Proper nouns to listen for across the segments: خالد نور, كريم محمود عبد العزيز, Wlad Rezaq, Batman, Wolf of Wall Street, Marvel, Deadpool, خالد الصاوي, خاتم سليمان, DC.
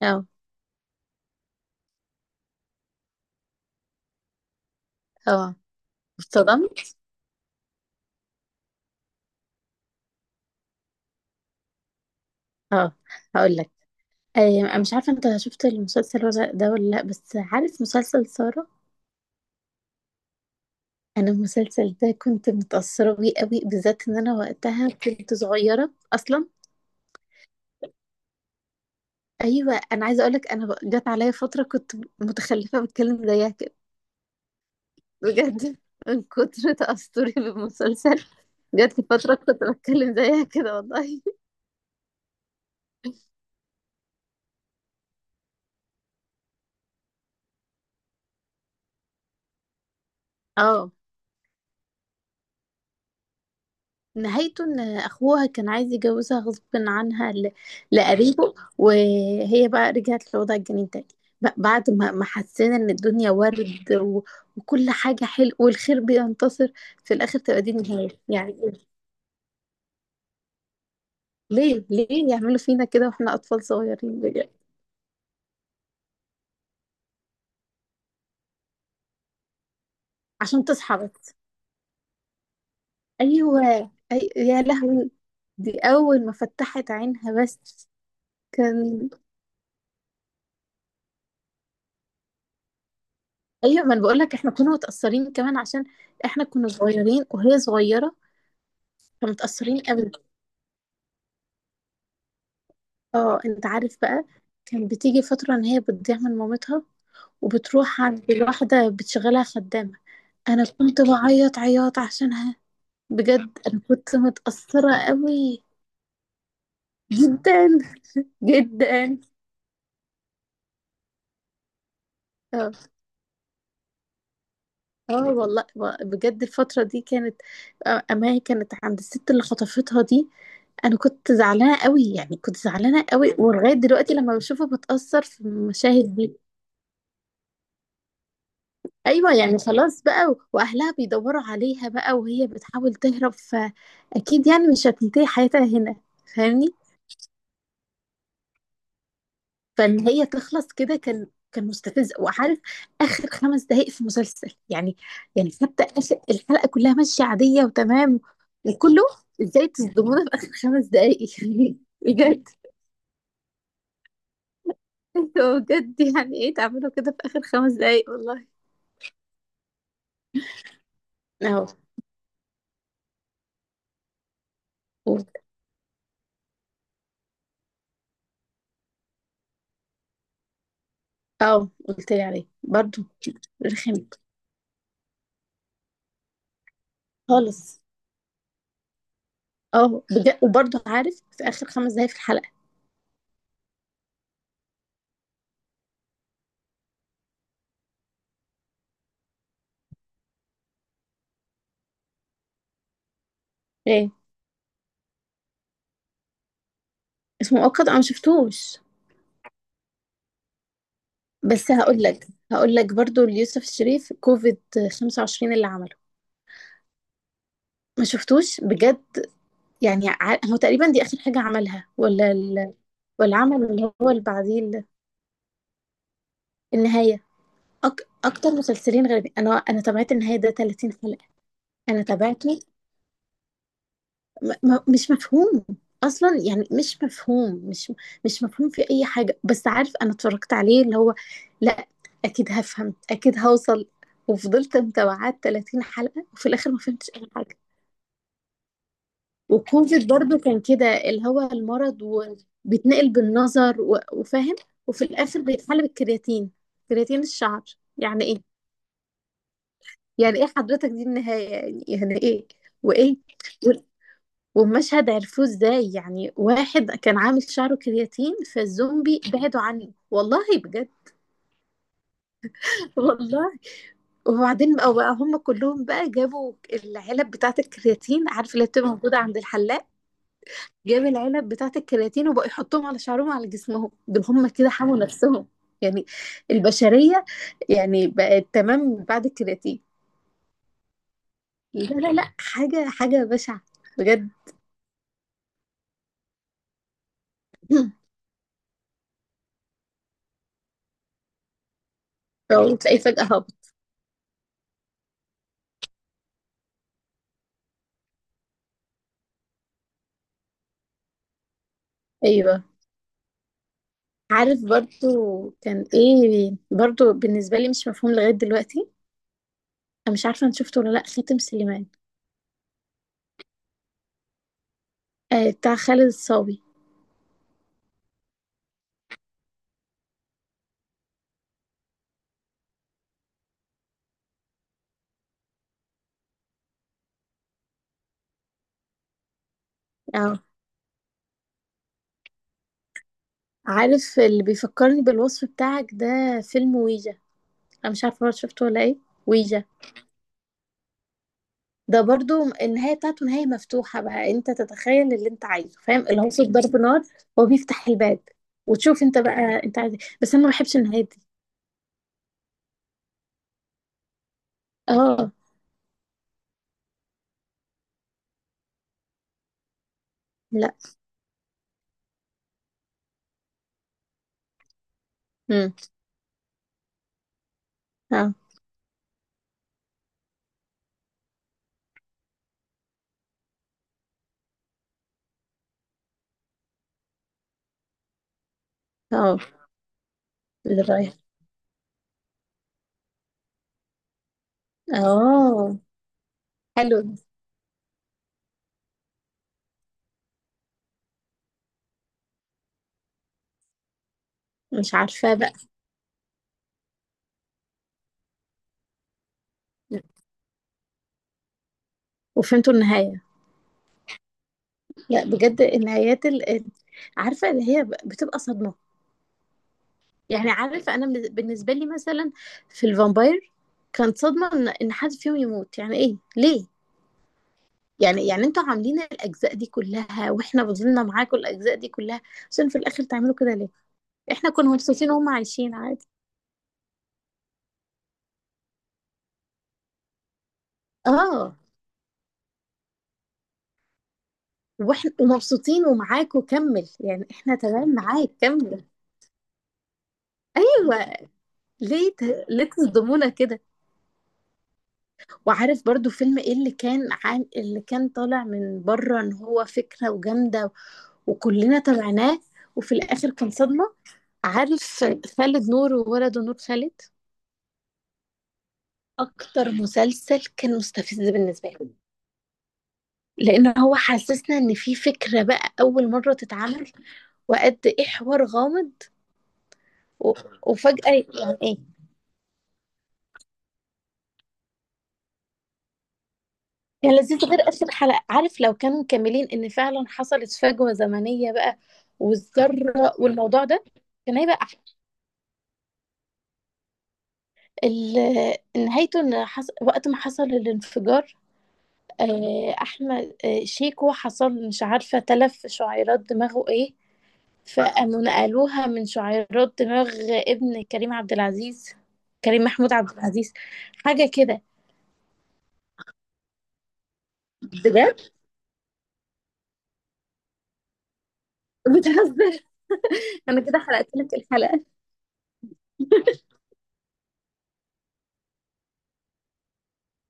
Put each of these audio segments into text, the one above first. اه. اه. اتصدمت. اه. هقول لك. آه، مش عارفه انت شفت المسلسل ولا ده ولا لا، بس عارف مسلسل سارة؟ انا المسلسل ده كنت متأثرة بيه قوي، بالذات ان انا وقتها كنت صغيرة اصلا. ايوه، انا عايزه اقول لك، انا جت عليا فتره كنت متخلفه بتكلم زيها كده، بجد، من كتر تأثري بالمسلسل. جت فتره كنت بتكلم زيها كده والله. اه، نهايته ان اخوها كان عايز يجوزها غصب عنها لقريبه، وهي بقى رجعت لوضع الجنين تاني، بعد ما حسينا ان الدنيا ورد وكل حاجة حلو والخير بينتصر، في الاخر تبقى دي النهاية يعني. ليه ليه يعملوا فينا كده واحنا اطفال صغيرين بجد؟ عشان تصحى بس. ايوه. يا لهوي. دي اول ما فتحت عينها بس كان. ايوه، ما انا بقول لك احنا كنا متأثرين كمان، عشان احنا كنا صغيرين وهي صغيرة، فمتأثرين قوي. اه، انت عارف بقى كان بتيجي فترة ان هي بتضيع من مامتها وبتروح عند واحدة بتشغلها خدامة. انا كنت بعيط عياط عشانها. بجد انا كنت متأثرة قوي جدا جدا. اه اه والله، بجد الفترة دي كانت، آه، اما هي كانت عند الست اللي خطفتها دي، انا كنت زعلانة قوي، يعني كنت زعلانة قوي، ولغاية دلوقتي لما بشوفه بتأثر في المشاهد دي. ايوه، يعني خلاص بقى، واهلها بيدوروا عليها بقى، وهي بتحاول تهرب، فاكيد يعني مش هتنتهي حياتها هنا. فاهمني. فان هي تخلص كده، كان كان مستفز وعارف. اخر 5 دقائق في مسلسل يعني، يعني حتى اخر الحلقه كلها ماشيه عاديه وتمام وكله، ازاي تصدمونا في اخر 5 دقائق يعني بجد. انتوا بجد يعني ايه تعملوا كده في اخر 5 دقائق والله. اه. قلت- اه، قلت لي عليه برضو. رخمت خالص. اه بجد، وبرضه عارف في اخر 5 دقايق في الحلقه. ايه اسمه مؤقت، انا ما شفتوش. بس هقول لك، هقول لك برضه ليوسف الشريف كوفيد 25 اللي عمله. ما شفتوش بجد. يعني هو تقريبا دي اخر حاجه عملها ولا ولا عمل اللي هو اللي بعديه النهايه. اكتر مسلسلين غريبين، انا تابعت النهايه ده 30 حلقه. انا تابعته. مش مفهوم اصلا يعني، مش مفهوم، مش مفهوم في اي حاجه، بس عارف انا اتفرجت عليه اللي هو، لا، اكيد هفهم، اكيد هوصل. وفضلت متابعات 30 حلقه وفي الاخر ما فهمتش اي حاجه. وكوفيد برضو كان كده، اللي هو المرض وبيتنقل بالنظر وفاهم، وفي الاخر بيتحل بالكرياتين، كرياتين الشعر. يعني ايه؟ يعني ايه حضرتك دي النهايه يعني؟ يعني ايه وايه؟ ومشهد عرفوه ازاي؟ يعني واحد كان عامل شعره كرياتين فالزومبي بعدوا عنه والله بجد. والله، وبعدين بقى هم كلهم بقى جابوا العلب بتاعة الكرياتين، عارف اللي بتبقى موجودة عند الحلاق، جاب العلب بتاعة الكرياتين وبقى يحطهم على شعرهم وعلى جسمهم، دول هم كده حموا نفسهم يعني. البشرية يعني بقت تمام بعد الكرياتين. لا لا لا، حاجة حاجة بشعة بجد. أو تلاقيه فجأة هبط. أيوه، عارف برضو، كان ايه برضو بالنسبة لي مش مفهوم لغاية دلوقتي. انا مش عارفة انت شفته ولا لا، خاتم سليمان. آه بتاع خالد الصاوي. اه، عارف اللي بيفكرني بالوصف بتاعك ده، فيلم ويجا. انا مش عارفة برضو شفته ولا ايه. ويجا ده برضو النهاية بتاعته نهاية مفتوحة، بقى انت تتخيل اللي انت عايزه، فاهم اللي هو صوت ضرب نار، هو بيفتح الباب، وتشوف انت بقى انت عايز إيه. بس انا ما بحبش النهاية دي. اه. لا. امم. اه اه. اللي رايح. اه. حلو. مش عارفة بقى. وفهمتوا النهاية. لا بجد، النهايات عارفة اللي هي بتبقى صدمة. يعني عارفة، أنا بالنسبة لي مثلا في الفامباير كانت صدمة إن حد فيهم يموت، يعني إيه ليه؟ يعني يعني انتوا عاملين الأجزاء دي كلها واحنا فضلنا معاكم الأجزاء دي كلها عشان في الآخر تعملوا كده ليه؟ احنا كنا مبسوطين وهم عايشين عادي. اه واحنا ومبسوطين ومعاك، وكمل يعني، احنا تمام معاك كمل. ايوه، ليه ليه تصدمونا كده؟ وعارف برضو فيلم ايه اللي كان عام اللي كان طالع من بره ان هو فكرة وجامدة وكلنا تابعناه وفي الاخر كان صدمة؟ عارف، خالد نور وولده نور خالد، اكتر مسلسل كان مستفز بالنسبة لي، لان هو حسسنا ان في فكرة بقى اول مرة تتعمل وقد ايه حوار غامض و... وفجأة يعني ايه. كان لذيذ، غير اخر حلقة عارف، لو كانوا مكملين ان فعلا حصلت فجوة زمنية بقى والذرة والموضوع ده كان هيبقى. نهايته ان وقت ما حصل الانفجار، آه، احمد، آه، شيكو حصل مش عارفه تلف شعيرات دماغه ايه، فقاموا نقلوها من شعيرات دماغ ابن كريم عبد العزيز، كريم محمود عبد العزيز، حاجه كده. بجد بتهزر؟ انا كده حرقت لك الحلقه.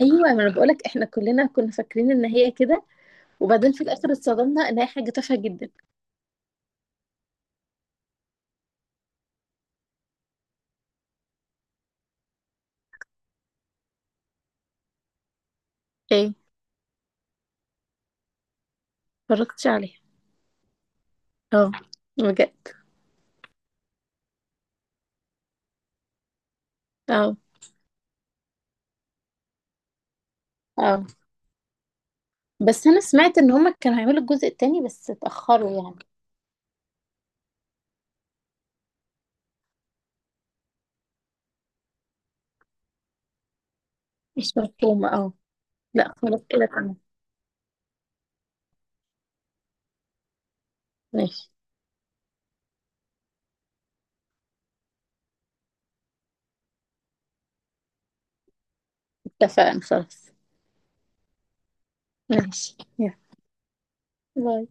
ايوه، ما انا بقول لك احنا كلنا كنا فاكرين ان هي كده، وبعدين في الاخر اتصدمنا ان هي حاجه تافهه جدا. ايه؟ اتفرجتش عليها؟ اه بجد. اه اه، بس انا سمعت ان هما كانوا هيعملوا الجزء التاني بس اتأخروا يعني. مش مفهومة اه. لا خلاص كده تمام. ماشي. اتفقنا خلاص. ماشي، يلا، باي.